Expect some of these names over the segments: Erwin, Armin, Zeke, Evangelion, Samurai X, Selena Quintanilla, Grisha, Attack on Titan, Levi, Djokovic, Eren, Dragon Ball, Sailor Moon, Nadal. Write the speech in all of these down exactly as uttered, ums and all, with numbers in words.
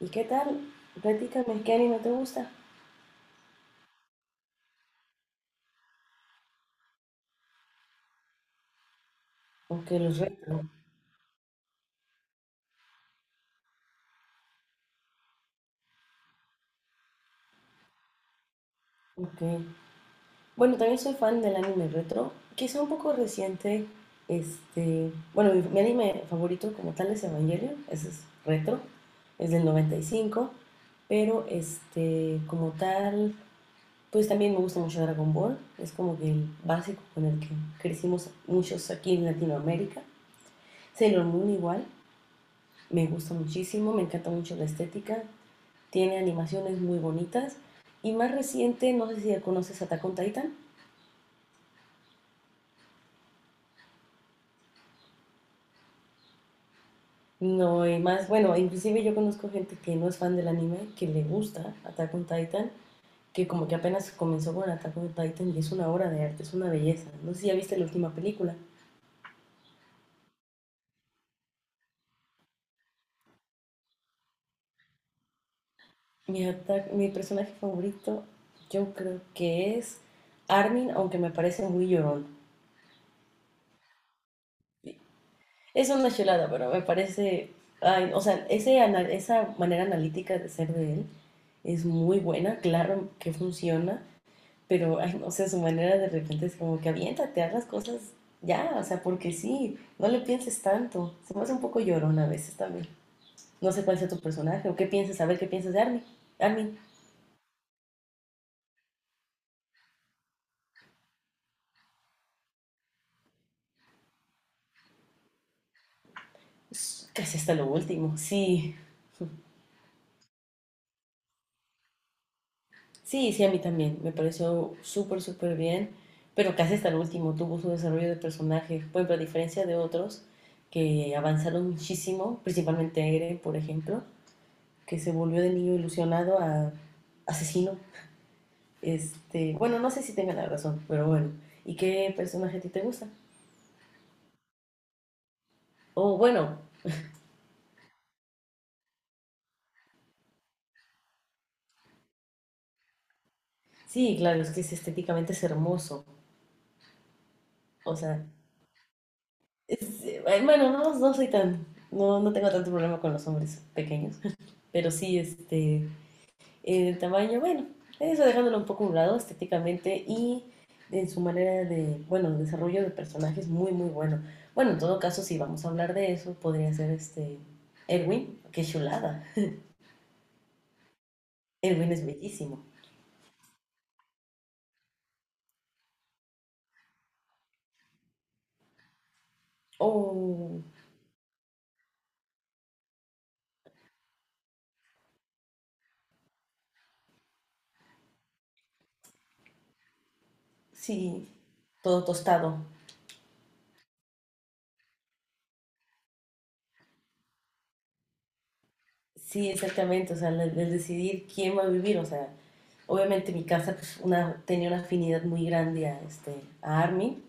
¿Y qué tal? Platícame, ¿qué anime te gusta? Ok, los retro. Ok. Bueno, también soy fan del anime retro, quizá un poco reciente. Este, bueno, mi, mi anime favorito como tal es Evangelion, ese es retro, es del noventa y cinco, pero este, como tal, pues también me gusta mucho Dragon Ball, es como que el básico con el que crecimos muchos aquí en Latinoamérica. Sailor Moon igual. Me gusta muchísimo, me encanta mucho la estética, tiene animaciones muy bonitas y más reciente, no sé si ya conoces Attack on Titan. No, y más, bueno, inclusive yo conozco gente que no es fan del anime, que le gusta Attack on Titan, que como que apenas comenzó con Attack on Titan y es una obra de arte, es una belleza. No sé si ya viste la última película. Mi, ata- mi personaje favorito yo creo que es Armin, aunque me parece muy llorón. Es una chulada, pero me parece, ay, o sea, ese, ana- esa manera analítica de ser de él es muy buena, claro que funciona, pero, ay, no sé, su manera de repente es como que aviéntate, haz las cosas ya, o sea, porque sí, no le pienses tanto, se me hace un poco llorona a veces también. No sé cuál sea tu personaje o qué piensas, a ver qué piensas de Armin. Armin, casi hasta lo último, sí. Sí, sí, a mí también. Me pareció súper, súper bien. Pero casi hasta el último tuvo su desarrollo de personaje. Por ejemplo, a diferencia de otros que avanzaron muchísimo, principalmente Eren, por ejemplo, que se volvió de niño ilusionado a asesino. Este, bueno, no sé si tenga la razón, pero bueno. ¿Y qué personaje a ti te gusta? Oh, bueno, sí, claro, es que es estéticamente es hermoso. O sea, es- eh, bueno, no, no soy tan, no, no tengo tanto problema con los hombres pequeños. Pero sí, este, el tamaño, bueno, eso dejándolo un poco a un lado estéticamente y en su manera de, bueno, desarrollo de personajes muy, muy bueno. Bueno, en todo caso, si vamos a hablar de eso, podría ser este Erwin, qué chulada. Erwin es bellísimo. O sí, todo tostado. Sí, exactamente, o sea, el, el decidir quién va a vivir, o sea, obviamente mi casa pues, una, tenía una afinidad muy grande a, este, a Armin,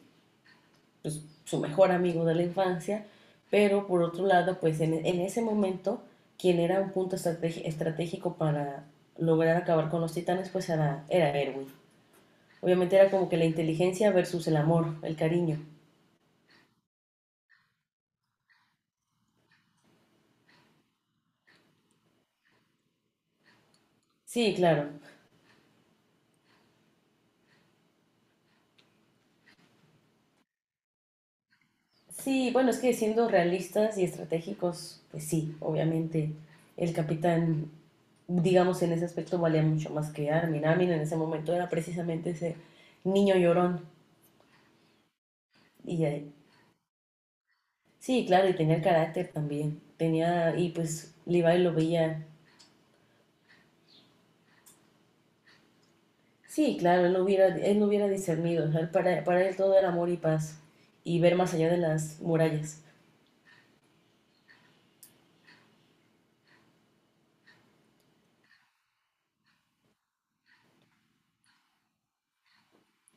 pues, su mejor amigo de la infancia, pero por otro lado, pues en, en ese momento, quien era un punto estrategi- estratégico para lograr acabar con los titanes, pues era, era Erwin. Obviamente era como que la inteligencia versus el amor, el cariño. Sí, claro. Sí, bueno, es que siendo realistas y estratégicos, pues sí, obviamente el capitán, digamos, en ese aspecto valía mucho más que Armin. Armin en ese momento era precisamente ese niño llorón y eh, sí, claro, y tenía el carácter también. Tenía, y pues Levi lo veía. Sí, claro, él no hubiera, él no hubiera discernido. O sea, él para, para él todo era amor y paz y ver más allá de las murallas.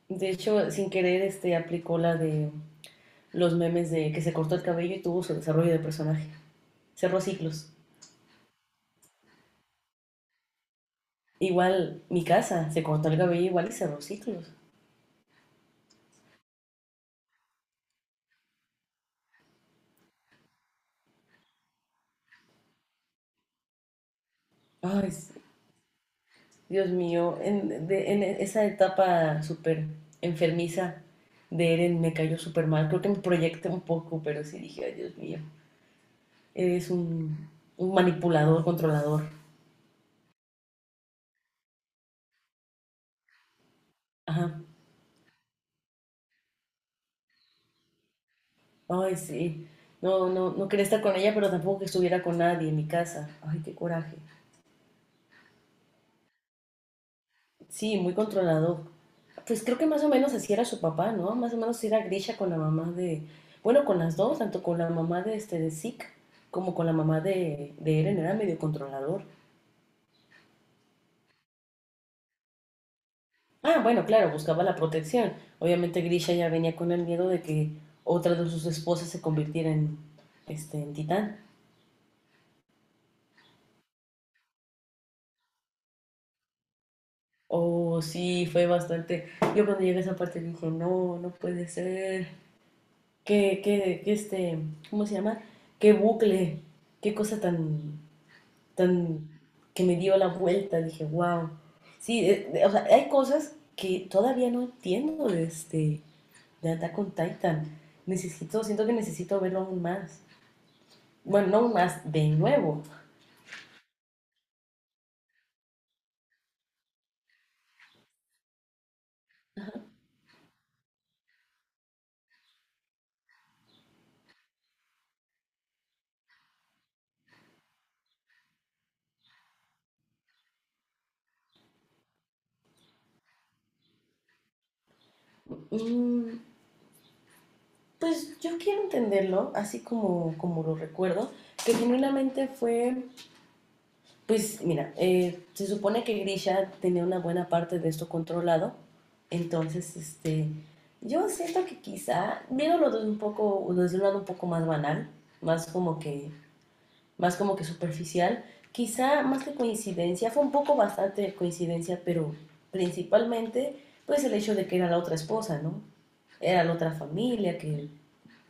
De hecho, sin querer, este aplicó la de los memes de que se cortó el cabello y tuvo su desarrollo de personaje. Cerró ciclos. Igual mi casa, se cortó el cabello igual y cerró ciclos. Ay, Dios mío, en, de- en esa etapa súper enfermiza de Eren me cayó súper mal. Creo que me proyecté un poco, pero sí dije, ay, Dios mío, eres un, un manipulador, controlador. Ajá. Ay, sí. No, no, no quería estar con ella, pero tampoco que estuviera con nadie en mi casa. Ay, qué coraje. Sí, muy controlador. Pues creo que más o menos así era su papá, ¿no? Más o menos así era Grisha con la mamá de... Bueno, con las dos, tanto con la mamá de, este, de Zeke como con la mamá de, de Eren, era medio controlador. Ah, bueno, claro, buscaba la protección. Obviamente Grisha ya venía con el miedo de que otra de sus esposas se convirtiera en, este, en titán. Oh, sí, fue bastante. Yo cuando llegué a esa parte dije, no, no puede ser. ¿Qué, qué, qué este, Cómo se llama? ¿Qué bucle? ¿Qué cosa tan, tan, que me dio la vuelta? Dije, wow. Sí, eh, eh, o sea, hay cosas que todavía no entiendo de este, de Attack on Titan. Necesito, siento que necesito verlo aún más. Bueno, no más de nuevo. Mm, pues yo quiero entenderlo, así como, como lo recuerdo, que genuinamente fue, pues mira, eh, se supone que Grisha tenía una buena parte de esto controlado, entonces, este, yo siento que quizá, viéndolo desde un poco, desde un lado un poco más banal, más como que más como que superficial. Quizá más que coincidencia, fue un poco bastante de coincidencia, pero principalmente pues el hecho de que era la otra esposa, ¿no? Era la otra familia que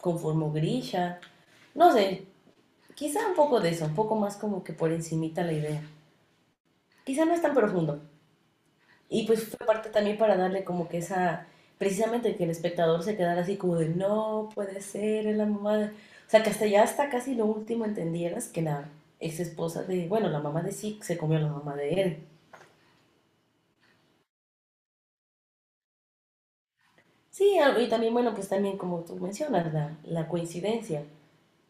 conformó Grisha. No sé, quizá un poco de eso, un poco más como que por encimita la idea. Quizá no es tan profundo, y pues fue parte también para darle como que esa, precisamente que el espectador se quedara así como de, no puede ser, es la mamá de... O sea, que hasta ya hasta casi lo último entendieras que la ex esposa de, bueno, la mamá de Zeke se comió a la mamá de él. Sí, a- y también, bueno, pues también como tú mencionas, la, la coincidencia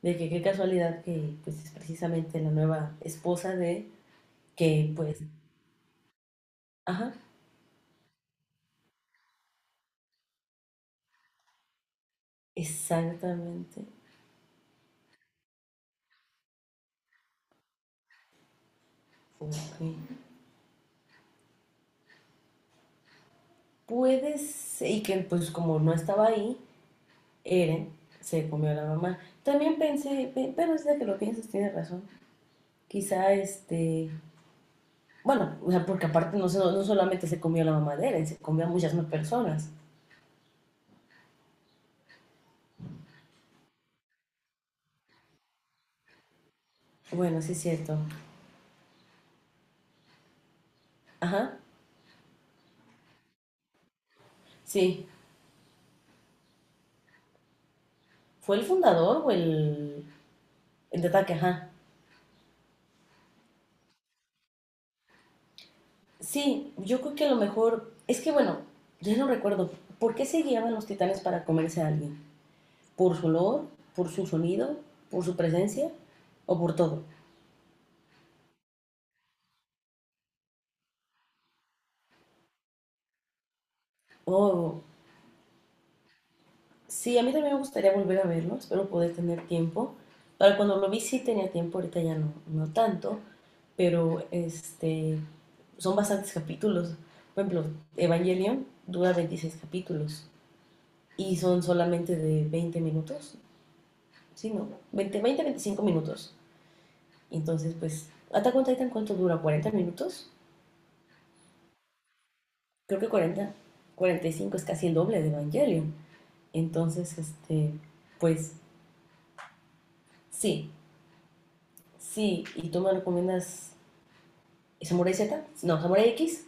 de que qué casualidad que pues es precisamente la nueva esposa de que pues, ajá, exactamente. Ok. Puede ser, y que pues como no estaba ahí, Eren se comió a la mamá. También pensé, pe- pero es de que lo piensas, tienes razón. Quizá este. Bueno, o sea, porque aparte no, se- no solamente se comió a la mamá de Eren, se comió a muchas más personas. Bueno, sí es cierto. Ajá, sí. ¿Fue el fundador o el, el de ataque? Ajá. Sí, yo creo que a lo mejor. Es que bueno, ya no recuerdo. ¿Por qué se guiaban los titanes para comerse a alguien? ¿Por su olor? ¿Por su sonido? ¿Por su presencia? ¿O por todo? Oh, sí, a mí también me gustaría volver a verlo, espero poder tener tiempo. Para cuando lo vi sí tenía tiempo, ahorita ya no, no tanto, pero este, son bastantes capítulos. Por ejemplo, Evangelion dura veintiséis capítulos y son solamente de veinte minutos, sí, ¿no? veinte 20, veinticinco minutos. Entonces, pues, ¿Attack on Titan cuánto dura? ¿Cuarenta minutos? Creo que cuarenta cuarenta y cinco es casi el doble de Evangelion. Entonces, este, pues, sí, sí, y tú me recomiendas ¿Samurai Z? No, Samurai X.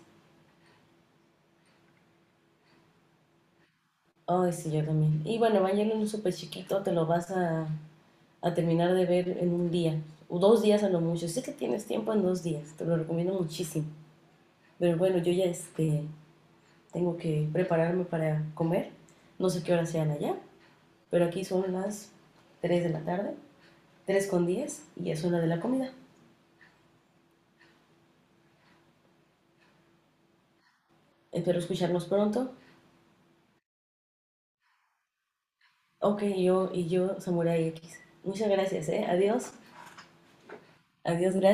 Ay, sí, yo también. Y bueno, Evangelion es súper chiquito, te lo vas a, a terminar de ver en un día, o dos días a lo mucho. Sé que tienes tiempo en dos días, te lo recomiendo muchísimo. Pero bueno, yo ya este, tengo que prepararme para comer. No sé qué hora sean allá, pero aquí son las tres de la tarde, tres con diez y es hora de la comida. Espero escucharnos pronto. Ok, yo y yo, Samurai X. Muchas gracias, ¿eh? Adiós. Adiós, gracias.